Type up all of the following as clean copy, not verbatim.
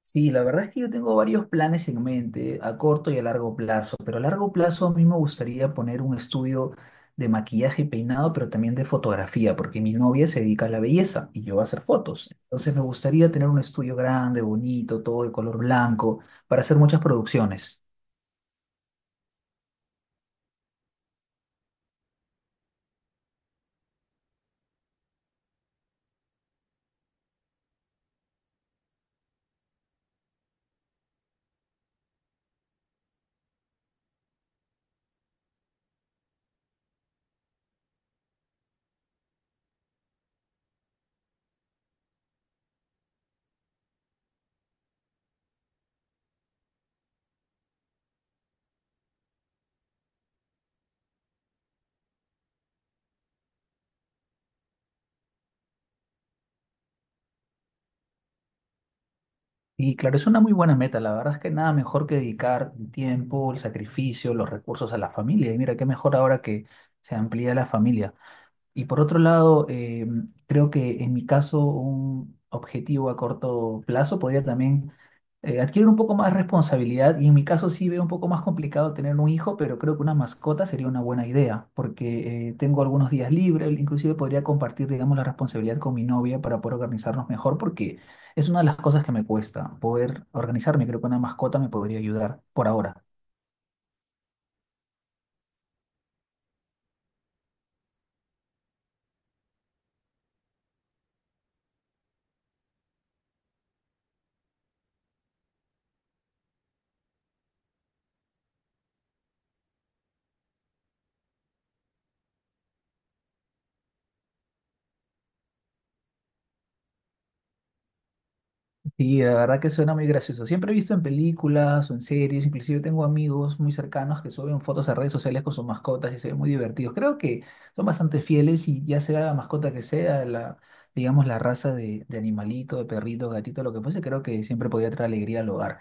Sí, la verdad es que yo tengo varios planes en mente, a corto y a largo plazo, pero a largo plazo a mí me gustaría poner un estudio de maquillaje y peinado, pero también de fotografía, porque mi novia se dedica a la belleza y yo a hacer fotos. Entonces me gustaría tener un estudio grande, bonito, todo de color blanco, para hacer muchas producciones. Y claro, es una muy buena meta, la verdad es que nada mejor que dedicar el tiempo, el sacrificio, los recursos a la familia. Y mira, qué mejor ahora que se amplía la familia. Y por otro lado, creo que en mi caso un objetivo a corto plazo podría también adquirir un poco más responsabilidad y en mi caso sí veo un poco más complicado tener un hijo, pero creo que una mascota sería una buena idea porque tengo algunos días libres, inclusive podría compartir, digamos, la responsabilidad con mi novia para poder organizarnos mejor porque es una de las cosas que me cuesta, poder organizarme, creo que una mascota me podría ayudar por ahora. Y la verdad que suena muy gracioso. Siempre he visto en películas o en series, inclusive tengo amigos muy cercanos que suben fotos a redes sociales con sus mascotas y se ven muy divertidos. Creo que son bastante fieles y ya sea la mascota que sea, la, digamos, la raza de animalito, de perrito, gatito, lo que fuese, creo que siempre podría traer alegría al hogar.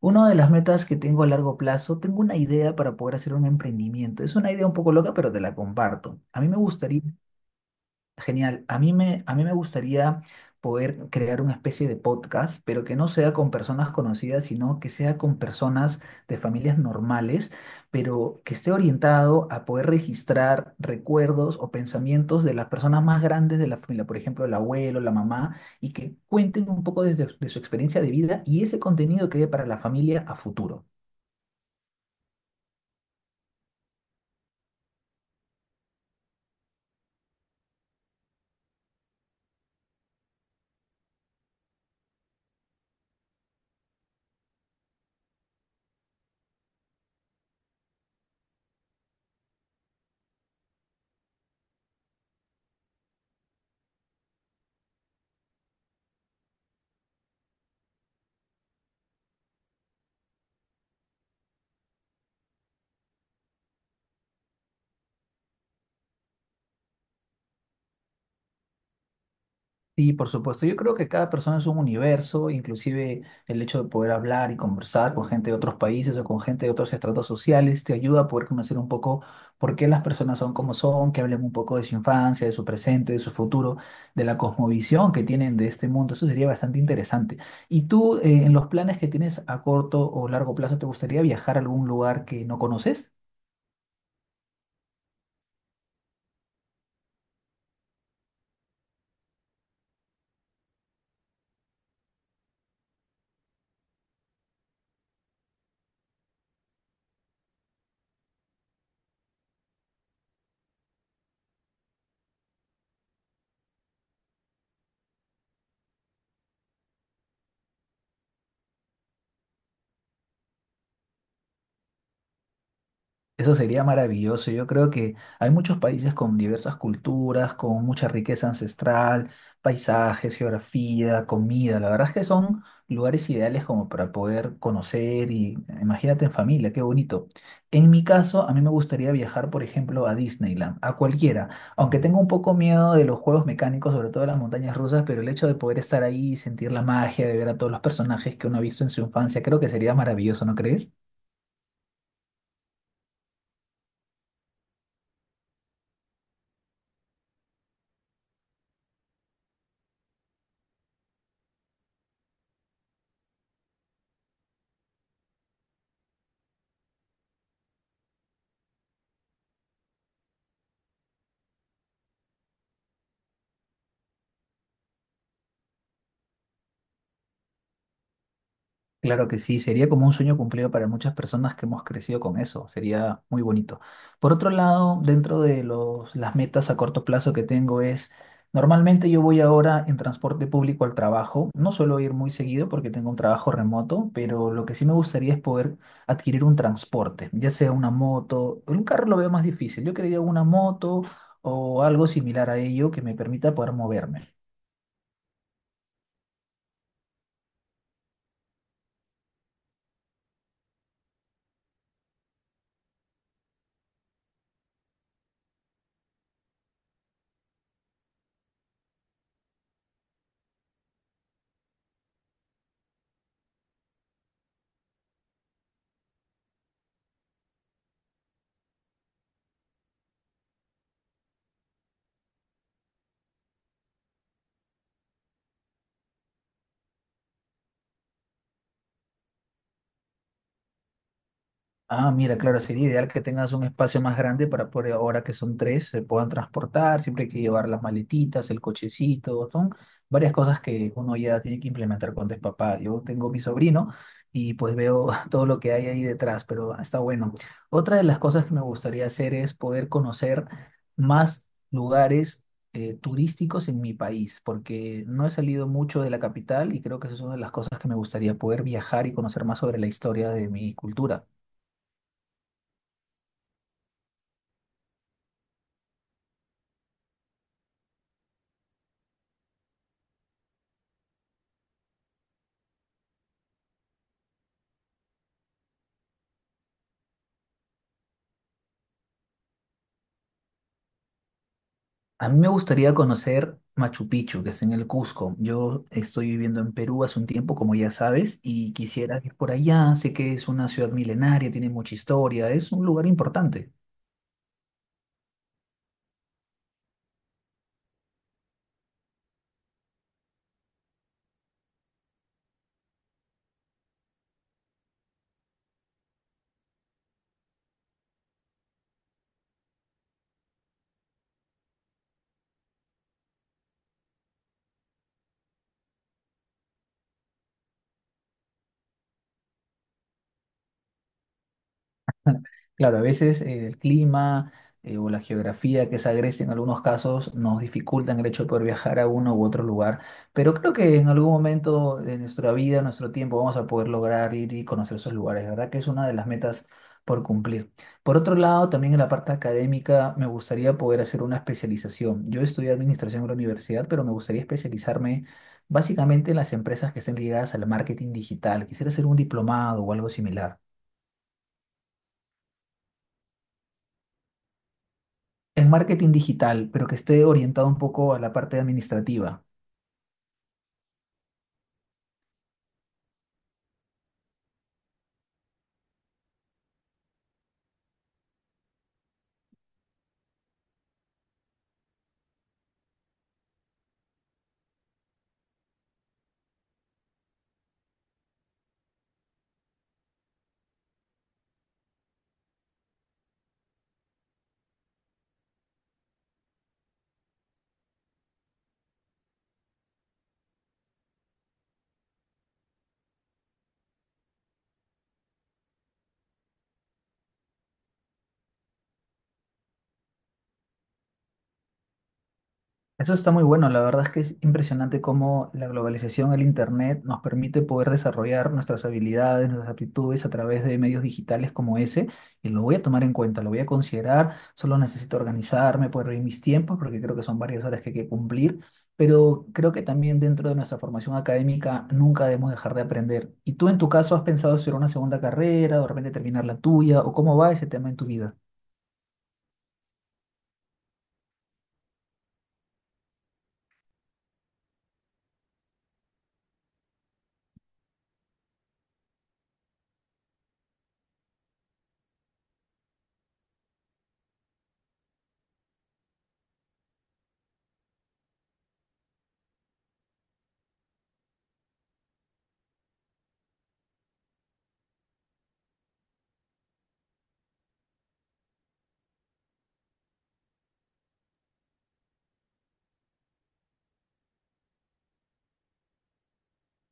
Una de las metas que tengo a largo plazo, tengo una idea para poder hacer un emprendimiento. Es una idea un poco loca, pero te la comparto. A mí me gustaría. Genial. A mí me gustaría poder crear una especie de podcast, pero que no sea con personas conocidas, sino que sea con personas de familias normales, pero que esté orientado a poder registrar recuerdos o pensamientos de las personas más grandes de la familia, por ejemplo, el abuelo, la mamá, y que cuenten un poco de su experiencia de vida y ese contenido quede para la familia a futuro. Sí, por supuesto. Yo creo que cada persona es un universo, inclusive el hecho de poder hablar y conversar con gente de otros países o con gente de otros estratos sociales te ayuda a poder conocer un poco por qué las personas son como son, que hablen un poco de su infancia, de su presente, de su futuro, de la cosmovisión que tienen de este mundo. Eso sería bastante interesante. ¿Y tú, en los planes que tienes a corto o largo plazo, te gustaría viajar a algún lugar que no conoces? Eso sería maravilloso. Yo creo que hay muchos países con diversas culturas, con mucha riqueza ancestral, paisajes, geografía, comida. La verdad es que son lugares ideales como para poder conocer y imagínate en familia, qué bonito. En mi caso, a mí me gustaría viajar, por ejemplo, a Disneyland, a cualquiera, aunque tengo un poco miedo de los juegos mecánicos, sobre todo de las montañas rusas, pero el hecho de poder estar ahí y sentir la magia, de ver a todos los personajes que uno ha visto en su infancia, creo que sería maravilloso, ¿no crees? Claro que sí, sería como un sueño cumplido para muchas personas que hemos crecido con eso, sería muy bonito. Por otro lado, dentro de los, las metas a corto plazo que tengo es, normalmente yo voy ahora en transporte público al trabajo, no suelo ir muy seguido porque tengo un trabajo remoto, pero lo que sí me gustaría es poder adquirir un transporte, ya sea una moto, en un carro lo veo más difícil, yo quería una moto o algo similar a ello que me permita poder moverme. Ah, mira, claro, sería ideal que tengas un espacio más grande para poder, ahora que son tres, se puedan transportar, siempre hay que llevar las maletitas, el cochecito, son varias cosas que uno ya tiene que implementar cuando es papá. Yo tengo mi sobrino y pues veo todo lo que hay ahí detrás, pero está bueno. Otra de las cosas que me gustaría hacer es poder conocer más lugares turísticos en mi país, porque no he salido mucho de la capital y creo que esa es una de las cosas que me gustaría poder viajar y conocer más sobre la historia de mi cultura. A mí me gustaría conocer Machu Picchu, que es en el Cusco. Yo estoy viviendo en Perú hace un tiempo, como ya sabes, y quisiera ir por allá. Sé que es una ciudad milenaria, tiene mucha historia, es un lugar importante. Claro, a veces el clima o la geografía que es agreste en algunos casos nos dificultan el hecho de poder viajar a uno u otro lugar, pero creo que en algún momento de nuestra vida, nuestro tiempo, vamos a poder lograr ir y conocer esos lugares, ¿verdad? Que es una de las metas por cumplir. Por otro lado, también en la parte académica me gustaría poder hacer una especialización. Yo estudié administración en la universidad, pero me gustaría especializarme básicamente en las empresas que estén ligadas al marketing digital. Quisiera hacer un diplomado o algo similar. En marketing digital, pero que esté orientado un poco a la parte administrativa. Eso está muy bueno, la verdad es que es impresionante cómo la globalización, el Internet, nos permite poder desarrollar nuestras habilidades, nuestras aptitudes a través de medios digitales como ese, y lo voy a tomar en cuenta, lo voy a considerar, solo necesito organizarme, poder ver mis tiempos, porque creo que son varias horas que hay que cumplir, pero creo que también dentro de nuestra formación académica nunca debemos dejar de aprender. ¿Y tú en tu caso has pensado hacer una segunda carrera, o de repente terminar la tuya, o cómo va ese tema en tu vida?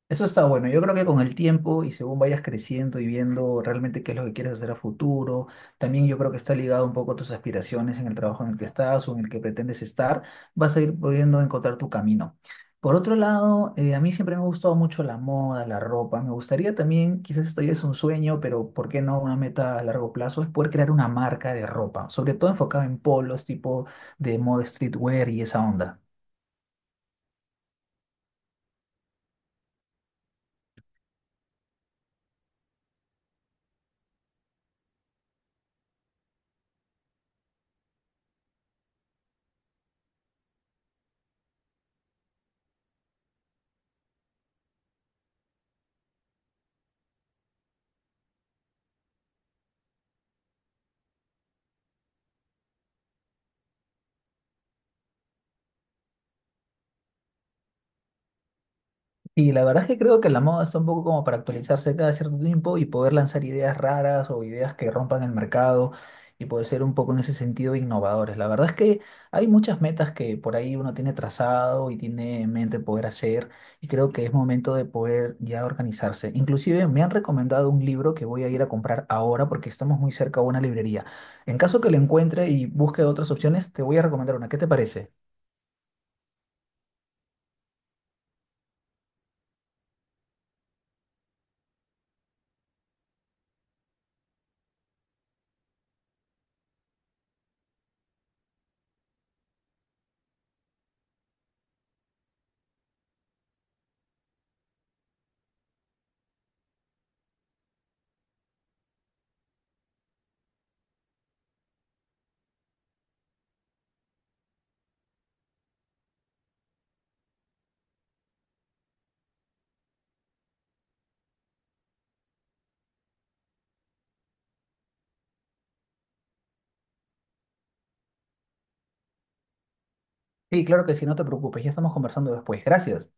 Eso está bueno. Yo creo que con el tiempo y según vayas creciendo y viendo realmente qué es lo que quieres hacer a futuro, también yo creo que está ligado un poco a tus aspiraciones en el trabajo en el que estás o en el que pretendes estar, vas a ir pudiendo encontrar tu camino. Por otro lado, a mí siempre me ha gustado mucho la moda, la ropa. Me gustaría también, quizás esto ya es un sueño, pero ¿por qué no una meta a largo plazo? Es poder crear una marca de ropa, sobre todo enfocada en polos, tipo de moda streetwear y esa onda. Y la verdad es que creo que la moda está un poco como para actualizarse cada cierto tiempo y poder lanzar ideas raras o ideas que rompan el mercado y poder ser un poco en ese sentido innovadores. La verdad es que hay muchas metas que por ahí uno tiene trazado y tiene en mente poder hacer y creo que es momento de poder ya organizarse. Inclusive me han recomendado un libro que voy a ir a comprar ahora porque estamos muy cerca a una librería. En caso que lo encuentre y busque otras opciones, te voy a recomendar una. ¿Qué te parece? Sí, claro que sí, no te preocupes, ya estamos conversando después. Gracias.